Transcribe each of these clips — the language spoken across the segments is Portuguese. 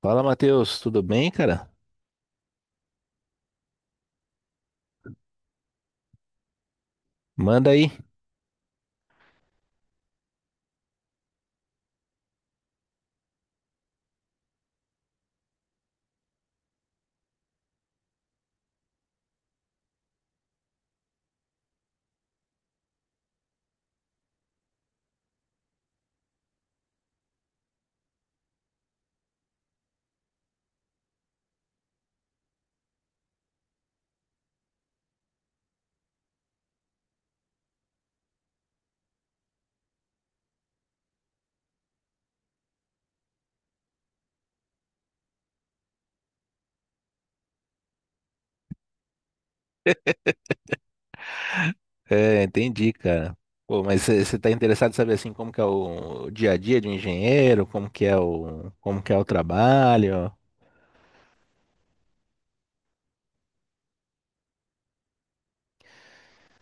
Fala, Matheus, tudo bem, cara? Manda aí. Entendi, cara. Pô, mas você tá interessado em saber assim como que é o dia a dia de um engenheiro, como que é o trabalho?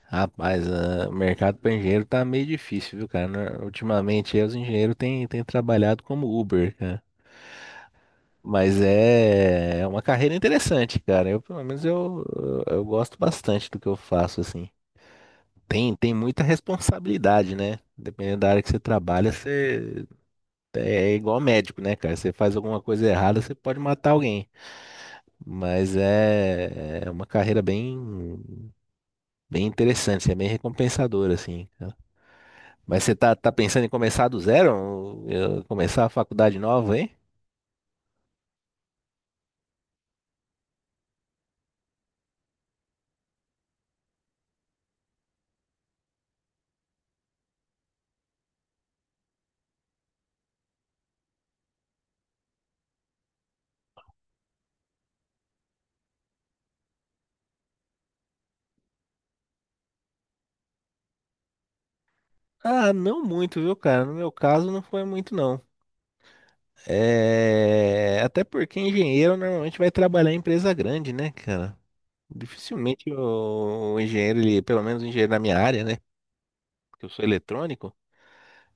Rapaz, o mercado para engenheiro tá meio difícil, viu, cara? Ultimamente aí, os engenheiros têm trabalhado como Uber, cara. Mas é uma carreira interessante, cara. Eu, pelo menos eu, gosto bastante do que eu faço, assim. Tem muita responsabilidade, né? Dependendo da área que você trabalha, você é igual médico, né, cara? Você faz alguma coisa errada, você pode matar alguém. Mas é uma carreira bem interessante, é bem recompensadora, assim. Mas você tá pensando em começar do zero? Começar a faculdade nova, hein? Ah, não muito, viu, cara? No meu caso, não foi muito, não. É... Até porque engenheiro normalmente vai trabalhar em empresa grande, né, cara? Dificilmente o engenheiro, ele, pelo menos o engenheiro da minha área, né? Porque eu sou eletrônico.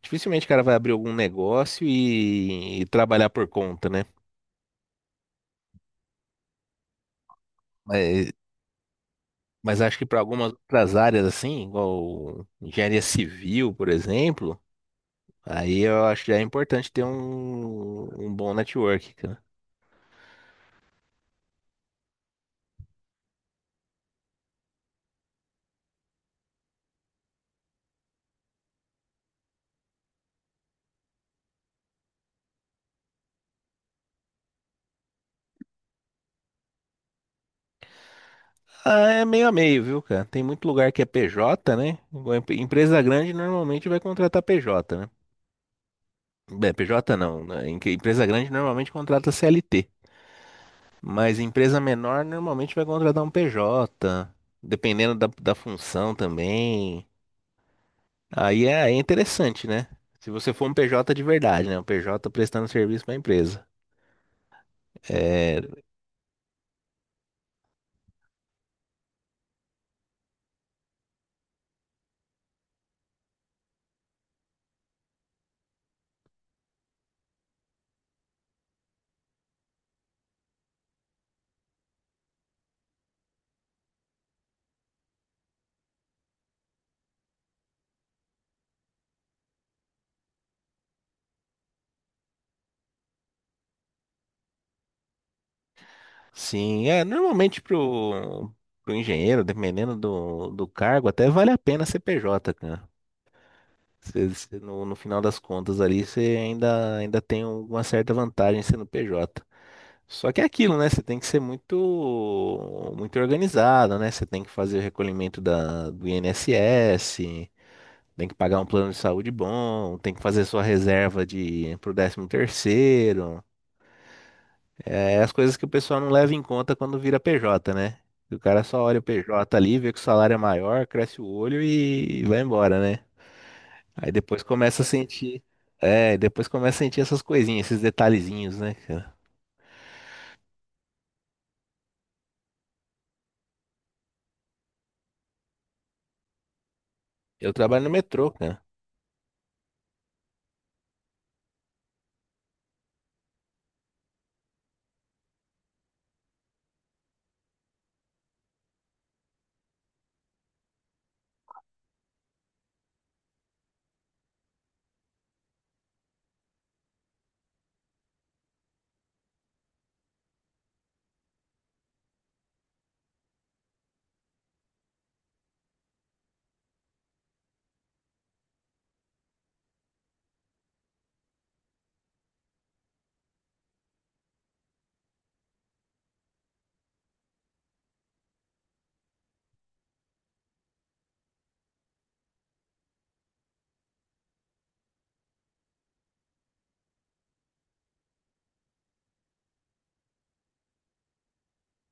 Dificilmente o cara vai abrir algum negócio e trabalhar por conta, né? Mas, mas acho que para algumas outras áreas, assim, igual engenharia civil, por exemplo, aí eu acho que já é importante ter um bom network, cara. Ah, é meio a meio, viu, cara? Tem muito lugar que é PJ, né? Empresa grande normalmente vai contratar PJ, né? Bem, PJ não, né? Empresa grande normalmente contrata CLT. Mas empresa menor normalmente vai contratar um PJ, dependendo da função também. Aí é interessante, né? Se você for um PJ de verdade, né? Um PJ prestando serviço para a empresa. É, sim, é normalmente pro engenheiro, dependendo do cargo, até vale a pena ser PJ, cara. Você no final das contas ali, você ainda tem uma certa vantagem sendo PJ. Só que é aquilo, né? Você tem que ser muito organizado, né? Você tem que fazer o recolhimento do INSS, tem que pagar um plano de saúde bom, tem que fazer sua reserva de pro décimo terceiro. É as coisas que o pessoal não leva em conta quando vira PJ, né? O cara só olha o PJ ali, vê que o salário é maior, cresce o olho e vai embora, né? Aí depois começa a sentir, depois começa a sentir essas coisinhas, esses detalhezinhos, né, cara? Eu trabalho no metrô, cara.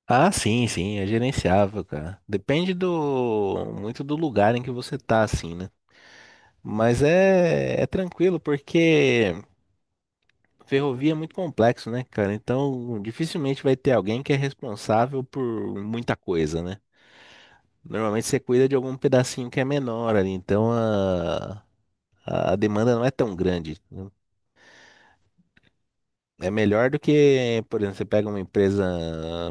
Ah, sim, sim, é gerenciável, cara. Depende do muito do lugar em que você tá, assim, né? Mas é tranquilo, porque ferrovia é muito complexo, né, cara? Então, dificilmente vai ter alguém que é responsável por muita coisa, né? Normalmente você cuida de algum pedacinho que é menor ali, então a demanda não é tão grande. É melhor do que, por exemplo, você pega uma empresa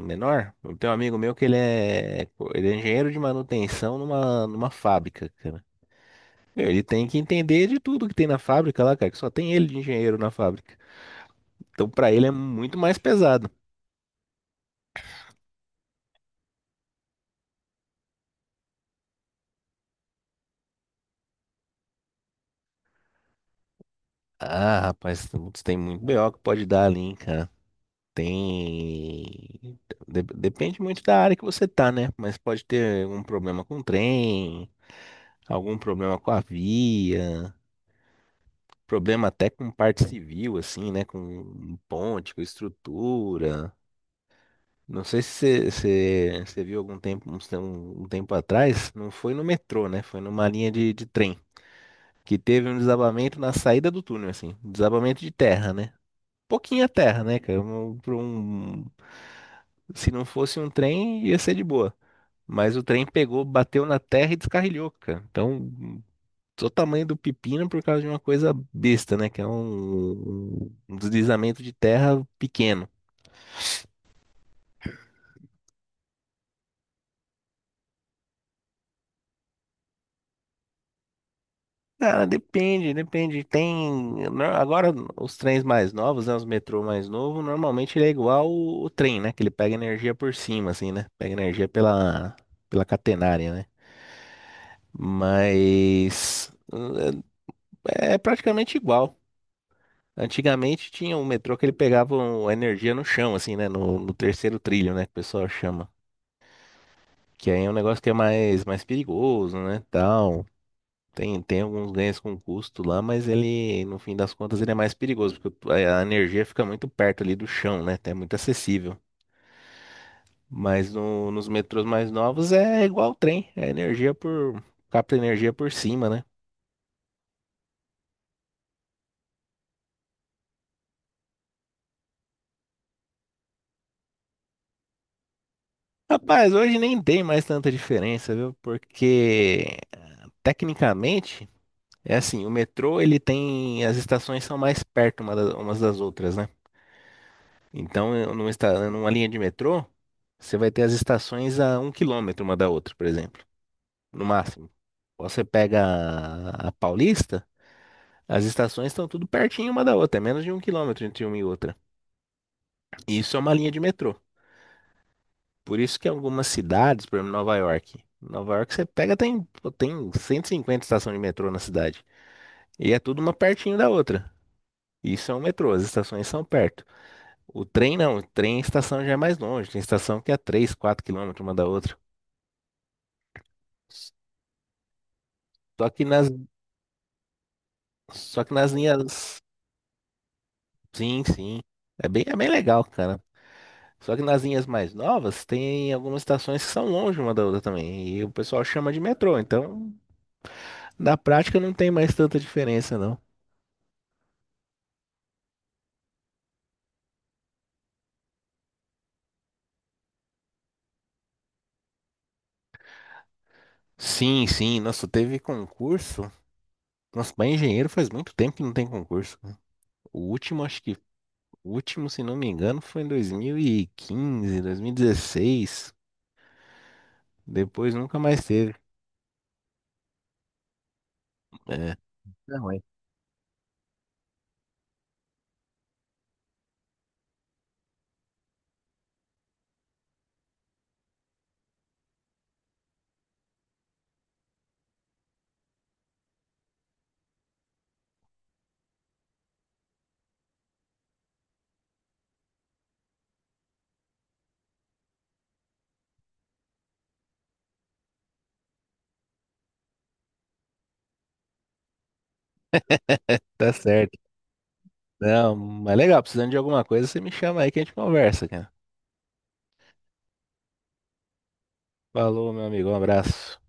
menor. Eu tenho um amigo meu que ele é engenheiro de manutenção numa fábrica, cara. Meu, ele tem que entender de tudo que tem na fábrica lá, cara, que só tem ele de engenheiro na fábrica. Então, pra ele é muito mais pesado. Ah, rapaz, putz, tem muito BO que pode dar ali, hein, cara. Tem. Depende muito da área que você tá, né? Mas pode ter um problema com o trem, algum problema com a via. Problema até com parte civil, assim, né? Com ponte, com estrutura. Não sei se viu algum tempo, tempo atrás, não foi no metrô, né? Foi numa linha de trem, que teve um desabamento na saída do túnel, assim, desabamento de terra, né? Pouquinha terra, né, cara? Se não fosse um trem, ia ser de boa. Mas o trem pegou, bateu na terra e descarrilhou, cara. Então, o tamanho do pepino por causa de uma coisa besta, né? Que é um deslizamento de terra pequeno. Cara, depende. Tem. Agora, os trens mais novos, né? Os metrô mais novo, normalmente ele é igual o trem, né? Que ele pega energia por cima, assim, né? Pega energia pela catenária, né? Mas. eh, É praticamente igual. Antigamente tinha um metrô que ele pegava energia no chão, assim, né? No terceiro trilho, né? Que o pessoal chama. Que aí é um negócio que é mais perigoso, né? Tal. Tem alguns ganhos com custo lá, mas ele, no fim das contas, ele é mais perigoso, porque a energia fica muito perto ali do chão, né? É muito acessível. Mas nos metrôs mais novos é igual o trem, é energia capta energia por cima, né? Rapaz, hoje nem tem mais tanta diferença, viu? Porque tecnicamente é assim, o metrô ele tem as estações são mais perto umas das outras, né? Então, numa linha de metrô, você vai ter as estações a um quilômetro uma da outra, por exemplo, no máximo. Você pega a Paulista, as estações estão tudo pertinho uma da outra, é menos de um quilômetro entre uma e outra. E isso é uma linha de metrô. Por isso que algumas cidades, por exemplo, Nova York. Nova York você pega, tem, pô, tem 150 estações de metrô na cidade. E é tudo uma pertinho da outra. Isso é um metrô, as estações são perto. O trem não, o trem a estação já é mais longe, tem estação que é 3, 4 quilômetros uma da outra. Só que nas, só que nas linhas. Sim, sim. É bem legal, cara. Só que nas linhas mais novas, tem algumas estações que são longe uma da outra também. E o pessoal chama de metrô. Então, na prática, não tem mais tanta diferença, não. Sim, sim. Nossa, teve concurso. Nossa, para engenheiro faz muito tempo que não tem concurso. O último, acho que. O último, se não me engano, foi em dois dois mil mil e quinze dois mil e 2016. Depois nunca mais teve. É. Não, mas tá certo. Não, mas legal, precisando de alguma coisa, você me chama aí que a gente conversa, cara. Falou, meu amigo, um abraço.